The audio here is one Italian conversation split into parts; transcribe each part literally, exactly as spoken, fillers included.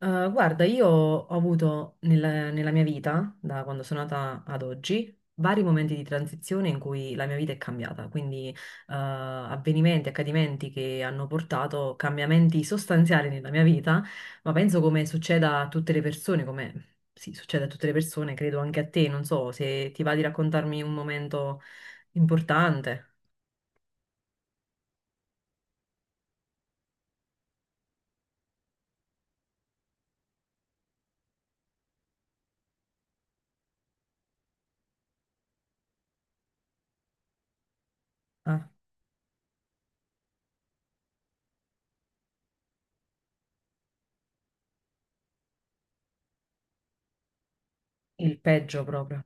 Eh, guarda, io ho avuto nella, nella mia vita, da quando sono nata ad oggi, vari momenti di transizione in cui la mia vita è cambiata, quindi eh, avvenimenti, accadimenti che hanno portato cambiamenti sostanziali nella mia vita, ma penso come succeda a tutte le persone, come sì, succede a tutte le persone, credo anche a te, non so se ti va di raccontarmi un momento importante, ah, il peggio proprio.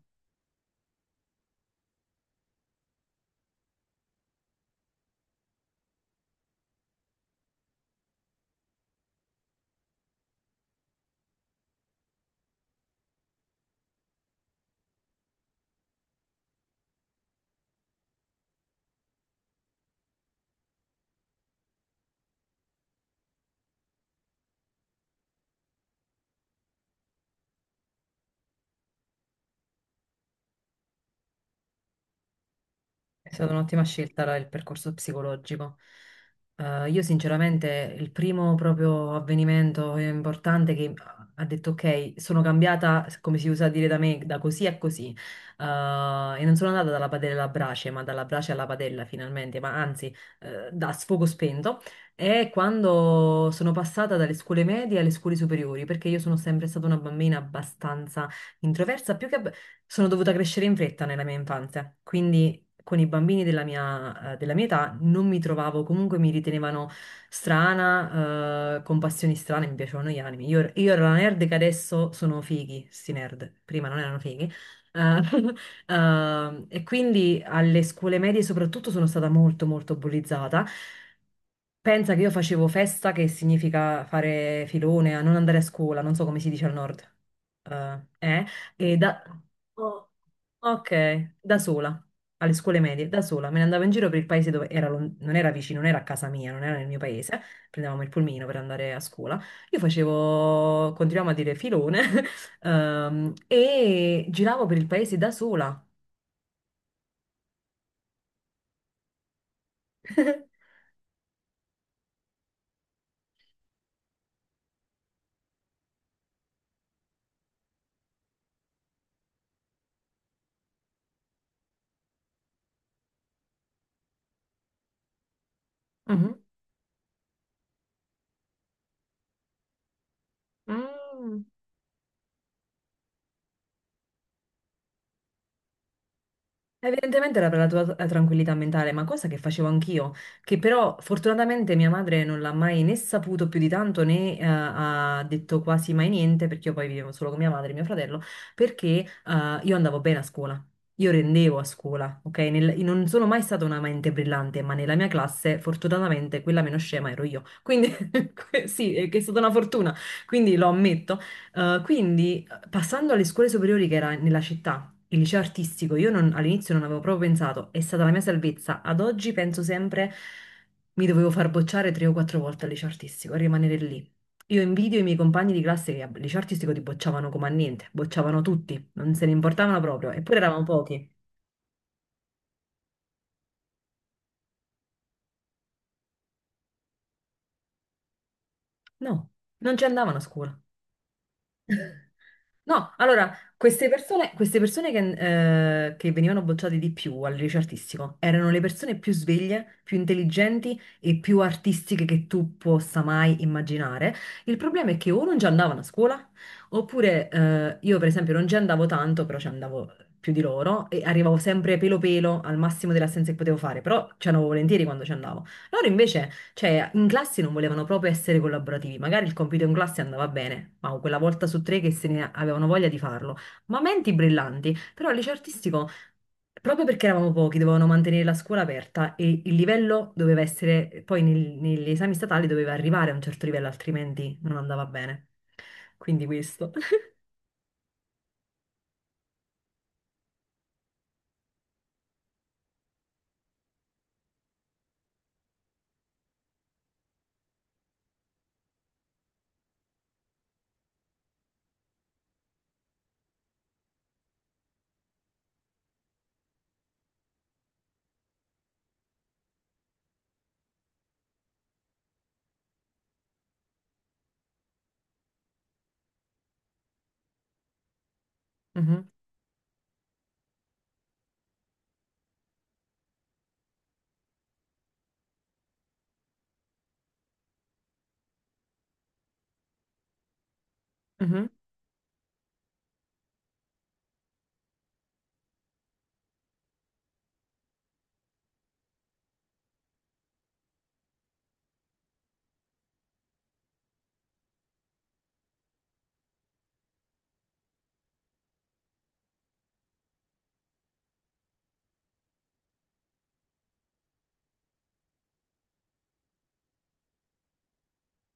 È stata un'ottima scelta la- il percorso psicologico. Eh, io sinceramente il primo proprio avvenimento importante che ha detto ok, sono cambiata, come si usa dire da me, da così a così. Eh, e non sono andata dalla padella alla brace, ma dalla brace alla padella finalmente, ma anzi eh, da sfogo spento. È quando sono passata dalle scuole medie alle scuole superiori, perché io sono sempre stata una bambina abbastanza introversa, più che... ab- sono dovuta crescere in fretta nella mia infanzia, quindi con i bambini della mia, eh, della mia età non mi trovavo, comunque mi ritenevano strana, eh, con passioni strane, mi piacevano gli anime. Io, io ero la nerd che adesso sono fighi, sti nerd, prima non erano fighi. Eh, eh, e quindi alle scuole medie soprattutto sono stata molto molto bullizzata. Pensa che io facevo festa, che significa fare filone, a non andare a scuola, non so come si dice al nord. Eh, eh, e da... oh, ok, da sola alle scuole medie da sola, me ne andavo in giro per il paese dove era lon- non era vicino, non era a casa mia, non era nel mio paese, prendevamo il pulmino per andare a scuola. Io facevo, continuiamo a dire filone, ehm, e giravo per il paese da sola. Mhm. Mm. Evidentemente era per la tua eh, tranquillità mentale, ma cosa che facevo anch'io, che però fortunatamente mia madre non l'ha mai né saputo più di tanto né eh, ha detto quasi mai niente, perché io poi vivevo solo con mia madre e mio fratello, perché eh, io andavo bene a scuola, io rendevo a scuola, ok? Nel- io non sono mai stata una mente brillante, ma nella mia classe fortunatamente quella meno scema ero io, quindi que- sì, è che è stata una fortuna, quindi lo ammetto. Eh, quindi eh, passando alle scuole superiori che era nella città, il liceo artistico, io non- all'inizio non avevo proprio pensato, è stata la mia salvezza. Ad oggi penso sempre mi dovevo far bocciare tre o quattro volte al liceo artistico e rimanere lì. Io invidio i miei compagni di classe che al liceo artistico ti bocciavano come a niente, bocciavano tutti, non se ne importavano proprio, eppure eravamo pochi. No, non ci andavano a scuola. No, allora, queste persone, queste persone che, eh, che venivano bocciate di più al liceo artistico erano le persone più sveglie, più intelligenti e più artistiche che tu possa mai immaginare. Il problema è che o non ci andavano a scuola, oppure eh, io per esempio non ci andavo tanto, però ci andavo più di loro e arrivavo sempre pelo pelo al massimo delle assenze che potevo fare, però ci andavo volentieri quando ci andavo. Loro invece, cioè, in classe non volevano proprio essere collaborativi. Magari il compito in classe andava bene, ma quella volta su tre che se ne avevano voglia di farlo. Ma menti brillanti. Però al liceo artistico, proprio perché eravamo pochi, dovevano mantenere la scuola aperta e il livello doveva essere, poi nel- negli esami statali doveva arrivare a un certo livello, altrimenti non andava bene. Quindi questo. Mhm, mhm.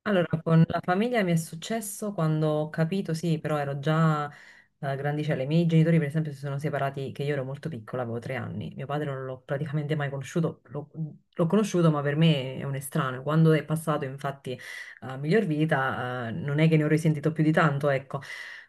Allora, con la famiglia mi è successo quando ho capito, sì, però ero già eh, grandicella. I miei genitori, per esempio, si sono separati che io ero molto piccola, avevo tre anni. Mio padre non l'ho praticamente mai conosciuto, l'ho l'ho conosciuto, ma per me è un estraneo. Quando è passato, infatti, a miglior vita, eh, non è che ne ho risentito più di tanto, ecco.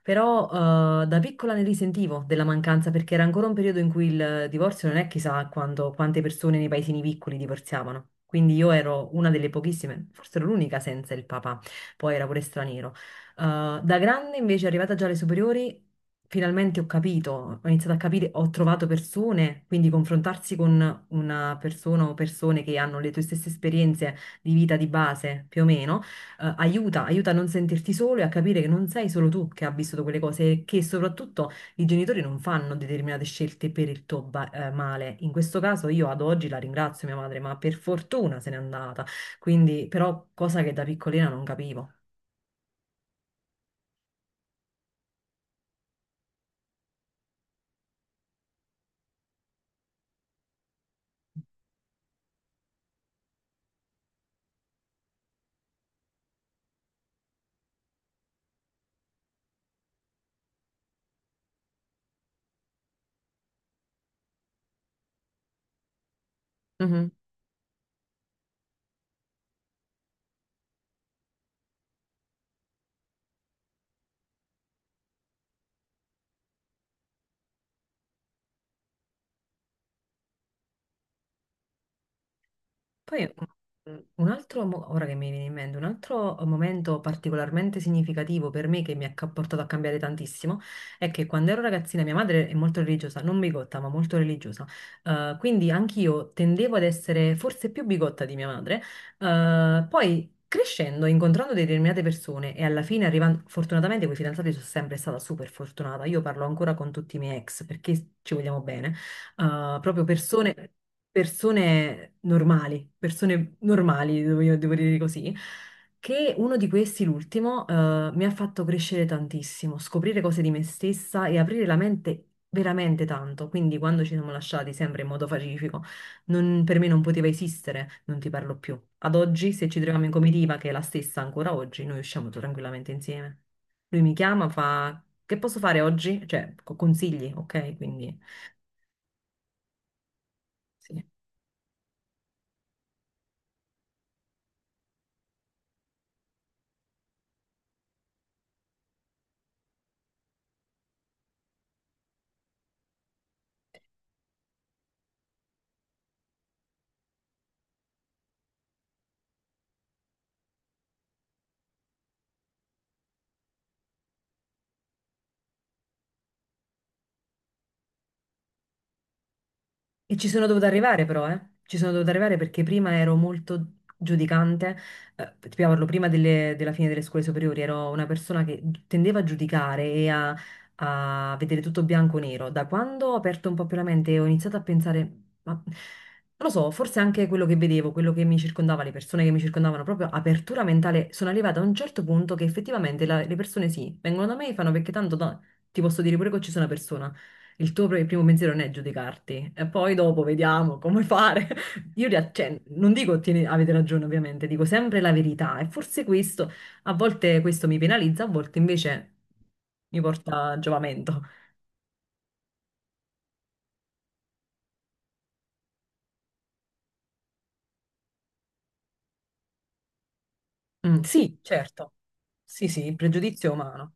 Però eh, da piccola ne risentivo della mancanza perché era ancora un periodo in cui il divorzio non è chissà quanto- quante persone nei paesini piccoli divorziavano. Quindi io ero una delle pochissime, forse ero l'unica senza il papà, poi era pure straniero. Eh, da grande invece, arrivata già alle superiori, finalmente ho capito, ho iniziato a capire, ho trovato persone, quindi confrontarsi con una persona o persone che hanno le tue stesse esperienze di vita di base, più o meno eh, aiuta, aiuta a non sentirti solo e a capire che non sei solo tu che ha vissuto quelle cose e che soprattutto i genitori non fanno determinate scelte per il tuo ba- eh, male. In questo caso io ad oggi la ringrazio mia madre, ma per fortuna se n'è andata, quindi però cosa che da piccolina non capivo. Poi mm, un altro, mo- ora che mi viene in mente, un altro momento particolarmente significativo per me che mi ha ca- portato a cambiare tantissimo è che quando ero ragazzina mia madre è molto religiosa, non bigotta, ma molto religiosa. Eh, quindi anch'io tendevo ad essere forse più bigotta di mia madre. Eh, poi crescendo, incontrando determinate persone e alla fine arrivando, fortunatamente con i fidanzati sono sempre stata super fortunata. Io parlo ancora con tutti i miei ex perché ci vogliamo bene eh, proprio persone, persone normali, persone normali, devo, io devo dire così, che uno di questi, l'ultimo, eh, mi ha fatto crescere tantissimo, scoprire cose di me stessa e aprire la mente veramente tanto. Quindi quando ci siamo lasciati, sempre in modo pacifico, non- per me non poteva esistere, non ti parlo più. Ad oggi, se ci troviamo in comitiva, che è la stessa ancora oggi, noi usciamo tranquillamente insieme. Lui mi chiama, fa... Che posso fare oggi? Cioè, co- consigli, ok? Quindi... Sì. E ci sono dovuta arrivare però, eh. Ci sono dovuta arrivare perché prima ero molto giudicante, eh, ti parlo prima delle- della fine delle scuole superiori, ero una persona che tendeva a giudicare e a, a vedere tutto bianco o nero. Da quando ho aperto un po' più la mente e ho iniziato a pensare, ma non lo so, forse anche quello che vedevo, quello che mi circondava, le persone che mi circondavano, proprio apertura mentale, sono arrivata a un certo punto che effettivamente la- le persone sì, vengono da me e fanno perché tanto da- ti posso dire pure che ci sono una persona. Il tuo pr- primo pensiero non è giudicarti, e poi dopo vediamo come fare. Io ri- cioè, non dico tieni- avete ragione, ovviamente, dico sempre la verità. E forse questo, a volte questo mi penalizza, a volte invece mi porta a giovamento. Mm, sì, certo. Sì, sì, il pregiudizio è umano.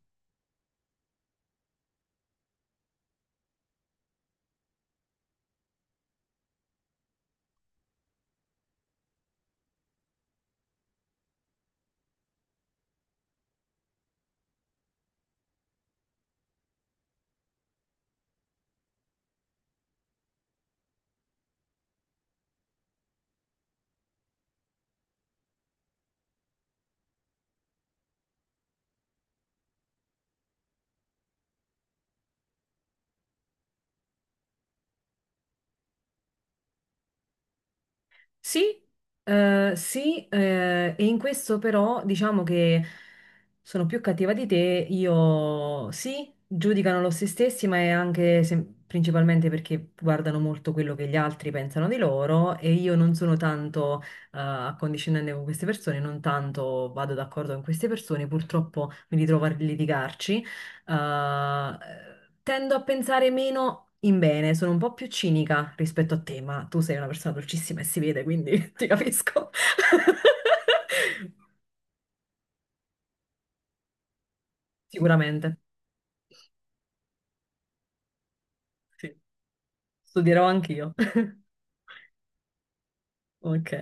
Sì, eh, sì, eh, e in questo però diciamo che sono più cattiva di te, io sì, giudicano lo se stessi, ma è anche sem- principalmente perché guardano molto quello che gli altri pensano di loro e io non sono tanto eh, accondiscendente con queste persone, non tanto vado d'accordo con queste persone, purtroppo mi ritrovo a litigarci. eh, Tendo a pensare meno in bene, sono un po' più cinica rispetto a te, ma tu sei una persona dolcissima e si vede, quindi ti capisco. Sicuramente, sì. Studierò anch'io. Ok.